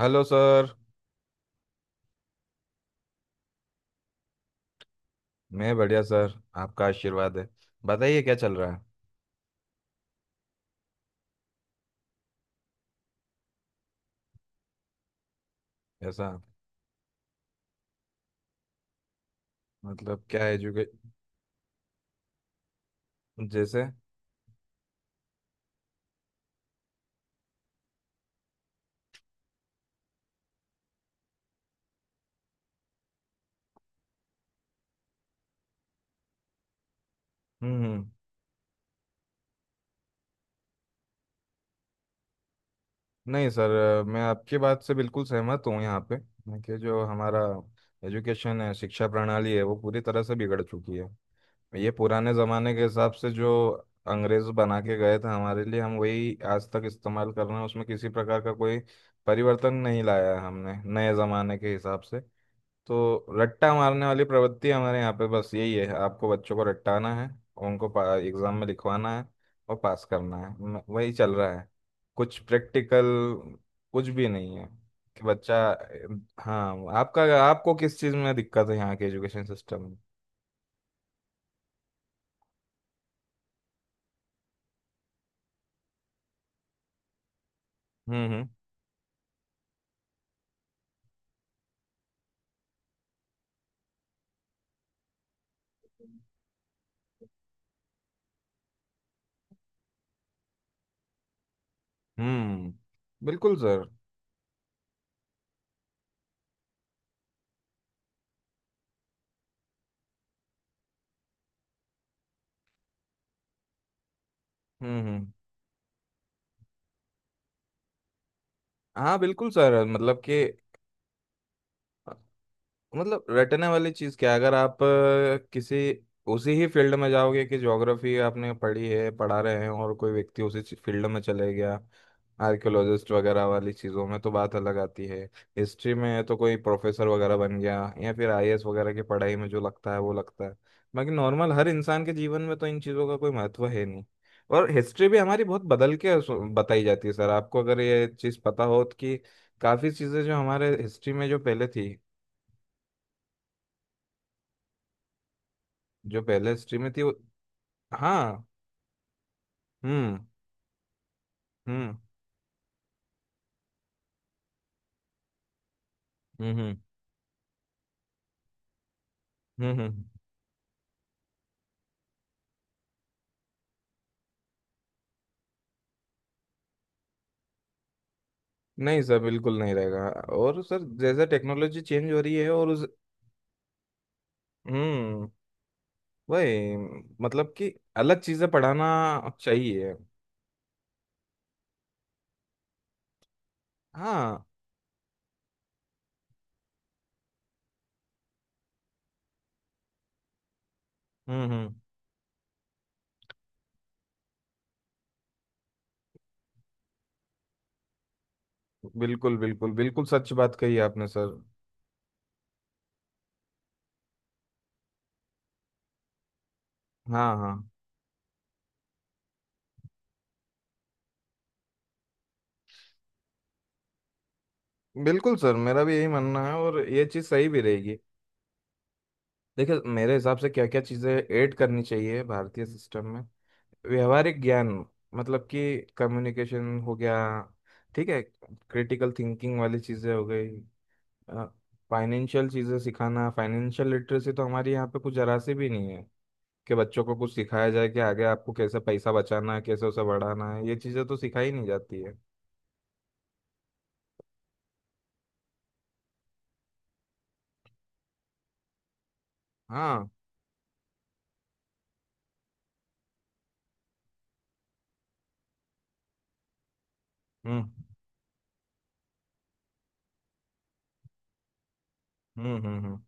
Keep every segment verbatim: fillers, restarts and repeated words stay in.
Hello sir. मैं बढ़िया sir, आपका आशीर्वाद है। बताइए क्या चल रहा है? ऐसा? मतलब क्या एजुके जैसे? हम्म। हम्म। नहीं सर, मैं आपकी बात से बिल्कुल सहमत हूँ यहाँ पे कि जो हमारा एजुकेशन है, शिक्षा प्रणाली है, वो पूरी तरह से बिगड़ चुकी है। ये पुराने ज़माने के हिसाब से जो अंग्रेज बना के गए थे हमारे लिए, हम वही आज तक इस्तेमाल कर रहे हैं, उसमें किसी प्रकार का कोई परिवर्तन नहीं लाया है हमने नए ज़माने के हिसाब से। तो रट्टा मारने वाली प्रवृत्ति हमारे यहाँ पे बस यही है, आपको बच्चों को रट्टाना है, उनको एग्जाम में लिखवाना है और पास करना है, म- वही चल रहा है। कुछ प्रैक्टिकल, कुछ भी नहीं है कि बच्चा... हाँ, आपका आपको किस चीज़ में दिक्कत है यहाँ के एजुकेशन सिस्टम में? हम्म। हम्म। हम्म। बिल्कुल सर। हम्म। हम्म। हाँ, बिल्कुल सर। मतलब कि मतलब रटने वाली चीज क्या है? अगर आप अ, किसी उसी ही फील्ड में जाओगे कि ज्योग्राफी आपने पढ़ी है, पढ़ा रहे हैं, और कोई व्यक्ति उसी फील्ड में चले गया, आर्कियोलॉजिस्ट वगैरह वाली चीज़ों में तो बात अलग आती है। हिस्ट्री में है तो कोई प्रोफेसर वगैरह बन गया, या फिर आई ए एस वगैरह की पढ़ाई में, जो लगता है वो लगता है। बाकी नॉर्मल हर इंसान के जीवन में तो इन चीज़ों का कोई महत्व है नहीं। और हिस्ट्री भी हमारी बहुत बदल के सु- बताई जाती है सर, आपको अगर ये चीज़ पता हो तो कि काफ़ी चीज़ें जो हमारे हिस्ट्री में जो पहले थी जो पहले स्ट्रीम में थी वो... हाँ। हम्म। हम्म। हम्म। हम्म। हम्म। हम्म। हम्म। नहीं सर, बिल्कुल नहीं रहेगा। और सर जैसे टेक्नोलॉजी चेंज हो रही है और उस... हम्म। वही, मतलब कि, अलग चीजें पढ़ाना चाहिए। हाँ। हम्म। हम्म। बिल्कुल, बिल्कुल, बिल्कुल सच बात कही आपने सर। हाँ, हाँ, बिल्कुल सर, मेरा भी यही मानना है, और ये चीज़ सही भी रहेगी। देखिए, मेरे हिसाब से क्या क्या चीज़ें ऐड करनी चाहिए भारतीय सिस्टम में। व्यवहारिक ज्ञान, मतलब कि कम्युनिकेशन हो गया, ठीक है, क्रिटिकल थिंकिंग वाली चीज़ें हो गई। फाइनेंशियल चीज़ें सिखाना, फाइनेंशियल लिटरेसी तो हमारे यहाँ पे कुछ जरा सी भी नहीं है कि बच्चों को कुछ सिखाया जाए कि आगे आपको कैसे पैसा बचाना है, कैसे उसे बढ़ाना है। ये चीज़ें तो सिखाई नहीं जाती है। हाँ। हम्म। हम्म। हम्म। हम्म।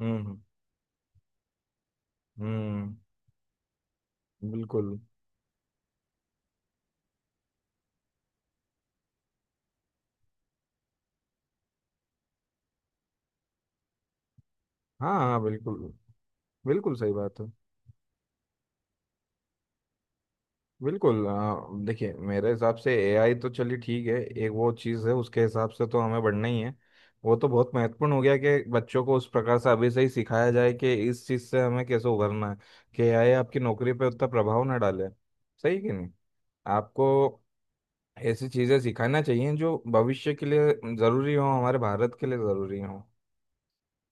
हम्म। हम्म। बिल्कुल। हाँ, हाँ, बिल्कुल, बिल्कुल सही बात है। बिल्कुल। अ, देखिए मेरे हिसाब से ए आई तो चलिए ठीक है, एक वो चीज़ है। उसके हिसाब से तो हमें बढ़ना ही है। वो तो बहुत महत्वपूर्ण हो गया कि बच्चों को उस प्रकार से अभी से ही सिखाया जाए कि इस चीज़ से हमें कैसे उभरना है, कि ए आई आपकी नौकरी पे उतना प्रभाव ना डाले। सही कि नहीं? आपको ऐसी चीज़ें सिखाना चाहिए जो भविष्य के लिए ज़रूरी हो, हमारे भारत के लिए ज़रूरी हो।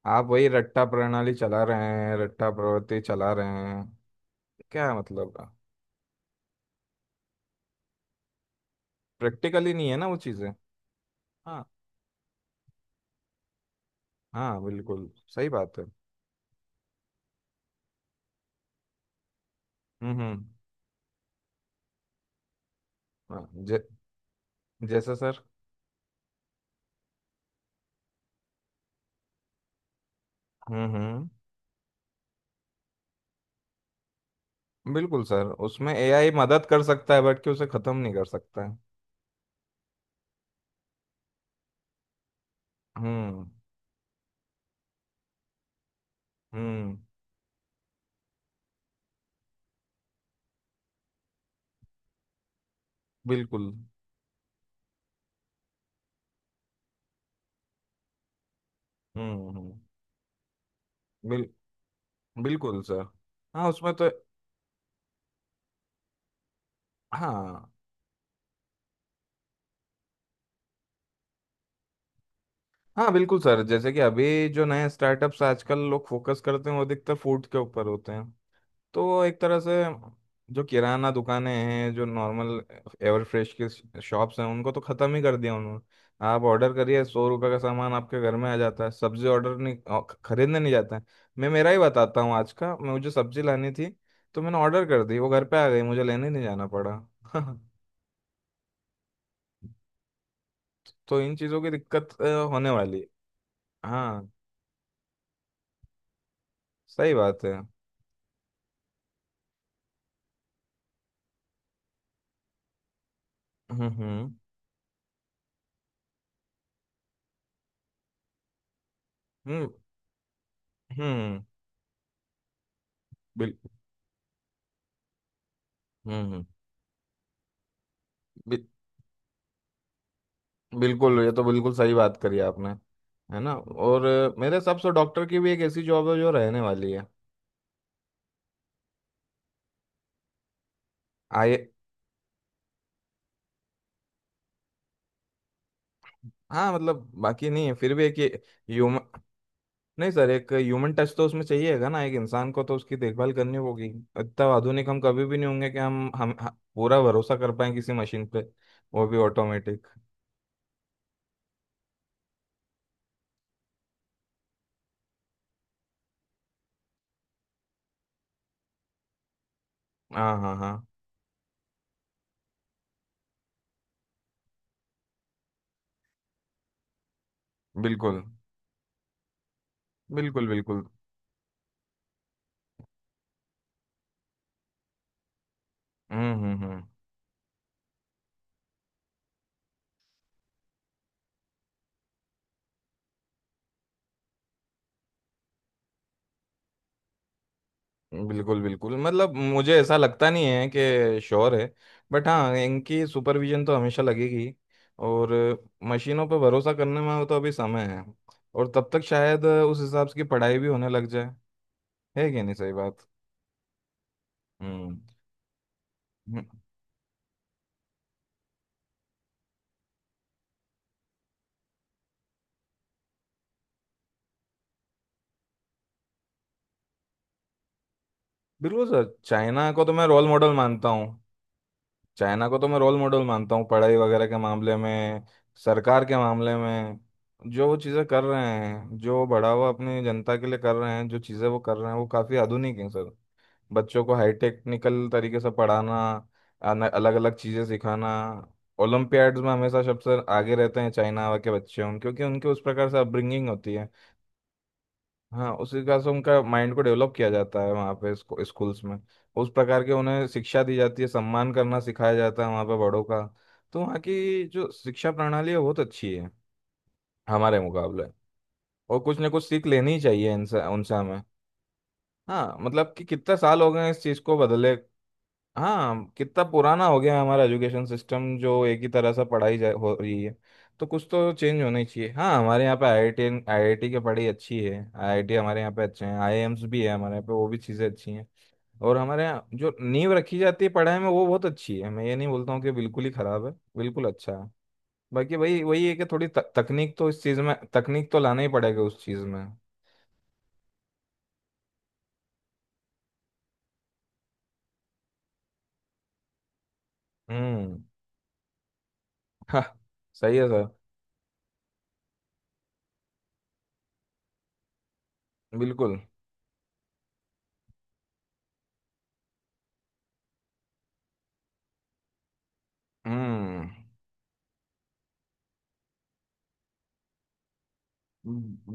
आप वही रट्टा प्रणाली चला रहे हैं, रट्टा प्रवृत्ति चला रहे हैं, क्या मतलब? प्रैक्टिकली नहीं है ना वो चीज़ें। हाँ। हाँ, बिल्कुल। सही बात है। हम्म। हम्म। हाँ, जै, जैसे सर। हम्म। हम्म। बिल्कुल सर, उसमें ए आई मदद कर सकता है बट कि उसे खत्म नहीं कर सकता है। हम्म। हम्म। बिल्कुल। हम्म। हम्म। बिल बिल्कुल सर। हाँ उसमें तो... हाँ, हाँ, बिल्कुल सर, जैसे कि अभी जो नए स्टार्टअप्स आजकल लोग फोकस करते हैं वो अधिकतर फूड के ऊपर होते हैं। तो एक तरह से, जो किराना दुकानें हैं, जो नॉर्मल एवर फ्रेश के शॉप्स हैं, उनको तो ख़त्म ही कर दिया उन्होंने। आप ऑर्डर करिए, सौ रुपये का सामान आपके घर में आ जाता है। सब्जी ऑर्डर नहीं, अ, खरीदने नहीं जाता है। मैं मेरा ही बताता हूँ आज का, मैं- मुझे सब्जी लानी थी। तो मैंने ऑर्डर कर दी, वो घर पे आ गई, मुझे लेने नहीं जाना पड़ा। तो इन चीज़ों की दिक्कत अ, होने वाली है। हाँ, सही बात है। हम्म। हम्म। हम्म। हम्म। बिल- हम्म, हम्म, बिल- बिल्कुल, ये तो बिल्कुल सही बात करी आपने। है ना? और अ, मेरे हिसाब से डॉक्टर की भी एक ऐसी जॉब है जो रहने वाली है। आए। हाँ मतलब बाकी नहीं है, फिर भी एक ये ह्यूमन नहीं सर, एक ह्यूमन टच तो उसमें चाहिएगा ना, एक इंसान को तो उसकी देखभाल करनी होगी। इतना आधुनिक हम कभी भी नहीं होंगे कि हम हम ह- पूरा भरोसा कर पाए किसी मशीन पे, वो भी ऑटोमेटिक। हाँ, हाँ, हाँ। बिल्कुल, बिल्कुल, बिल्कुल। हम्म। हम्म। हम्म। बिल्कुल, बिल्कुल, मतलब मुझे ऐसा लगता नहीं है कि श्योर है। बट हाँ, इनकी सुपरविजन तो हमेशा लगेगी। और मशीनों पर भरोसा करने में तो अभी समय है। और तब तक शायद उस हिसाब से की पढ़ाई भी होने लग जाए। है कि नहीं सही बात? हम्म। हम्म, बिल्कुल सर। चाइना को तो मैं रोल मॉडल मानता हूँ। चाइना को तो मैं रोल मॉडल मानता हूँ पढ़ाई वगैरह के मामले में, सरकार के मामले में। जो वो चीज़ें कर रहे हैं, जो बढ़ावा अपनी जनता के लिए कर रहे हैं, जो चीज़ें वो कर रहे हैं, वो काफ़ी आधुनिक हैं सर। बच्चों को हाई टेक्निकल तरीके से पढ़ाना, अलग अलग चीज़ें सिखाना। ओलंपियाड्स में हमेशा सबसे आगे रहते हैं चाइना के बच्चे, उन क्योंकि उनके उस प्रकार से अपब्रिंगिंग होती है। हाँ, उस हिसाब से उनका माइंड को डेवलप किया जाता है वहाँ पे, स्कू, स्कूल्स में। उस प्रकार के उन्हें शिक्षा दी जाती है, सम्मान करना सिखाया जाता है वहाँ पे बड़ों का। तो वहाँ की जो शिक्षा प्रणाली है बहुत अच्छी है, हमारे मुकाबले। और कुछ ना कुछ सीख लेनी ही चाहिए इनसे, उनसे हमें। हाँ, मतलब कि कितने साल हो गए हैं इस चीज़ को बदले। हाँ, कितना पुराना हो गया है हमारा एजुकेशन सिस्टम जो एक ही तरह से पढ़ाई जा हो रही है। तो कुछ तो चेंज होना ही चाहिए। हाँ, हमारे यहाँ पे आईआईटी आई आई टी की पढ़ाई अच्छी है, आई आई टी हमारे यहाँ पे अच्छे हैं, आई आई एम्स भी है हमारे यहाँ पे, वो भी चीज़ें अच्छी हैं। और हमारे यहाँ जो नींव रखी जाती है पढ़ाई में वो बहुत अच्छी है। मैं ये नहीं बोलता हूँ कि बिल्कुल ही खराब है, बिल्कुल अच्छा है। बाकी वही वही है कि थोड़ी तक- तकनीक तो इस चीज़ में, तकनीक तो लाना ही पड़ेगा उस चीज़ में। हम्म। हाँ, सही है सर। बिल्कुल। हम्म।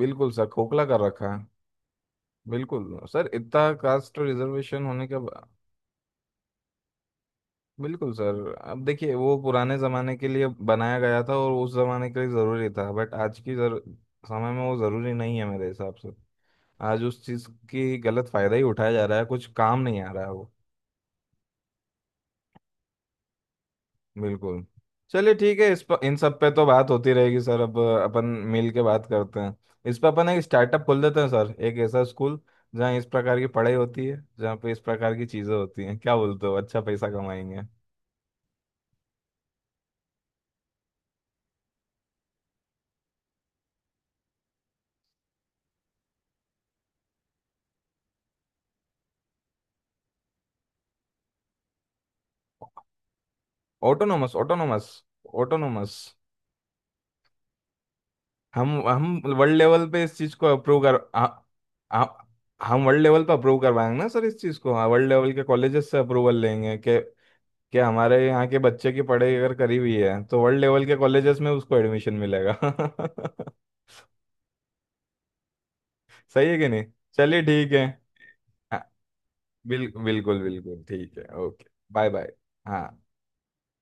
बिल्कुल सर, खोखला कर रखा है। बिल्कुल सर, इतना कास्ट रिजर्वेशन होने के। बा- बिल्कुल सर, अब देखिए वो पुराने ज़माने के लिए बनाया गया था और उस ज़माने के लिए ज़रूरी था, बट आज की जर, समय में वो ज़रूरी नहीं है मेरे हिसाब से। आज उस चीज़ की गलत फ़ायदा ही उठाया जा रहा है, कुछ काम नहीं आ रहा है वो। बिल्कुल। चलिए ठीक है, इस पर इन सब पे तो बात होती रहेगी सर, अब अपन मिल के बात करते हैं। इस पर अपन एक स्टार्टअप खोल देते हैं सर, एक ऐसा स्कूल जहाँ इस प्रकार की पढ़ाई होती है, जहाँ पे इस प्रकार की चीज़ें होती हैं। क्या बोलते हो? अच्छा पैसा कमाएंगे। Autonomous, autonomous, autonomous. हम हम वर्ल्ड लेवल पे इस चीज को अप्रूव कर आ, आ, हम वर्ल्ड लेवल पे अप्रूव करवाएंगे ना सर इस चीज को। हाँ, वर्ल्ड लेवल के कॉलेजेस से अप्रूवल लेंगे कि कि हमारे यहाँ के बच्चे की पढ़ाई अगर करी हुई है तो वर्ल्ड लेवल के कॉलेजेस में उसको एडमिशन मिलेगा। सही है कि नहीं? चलिए ठीक है। हाँ, बिल, बिल्कुल, बिल्कुल ठीक है, ओके। Bye, bye. हाँ।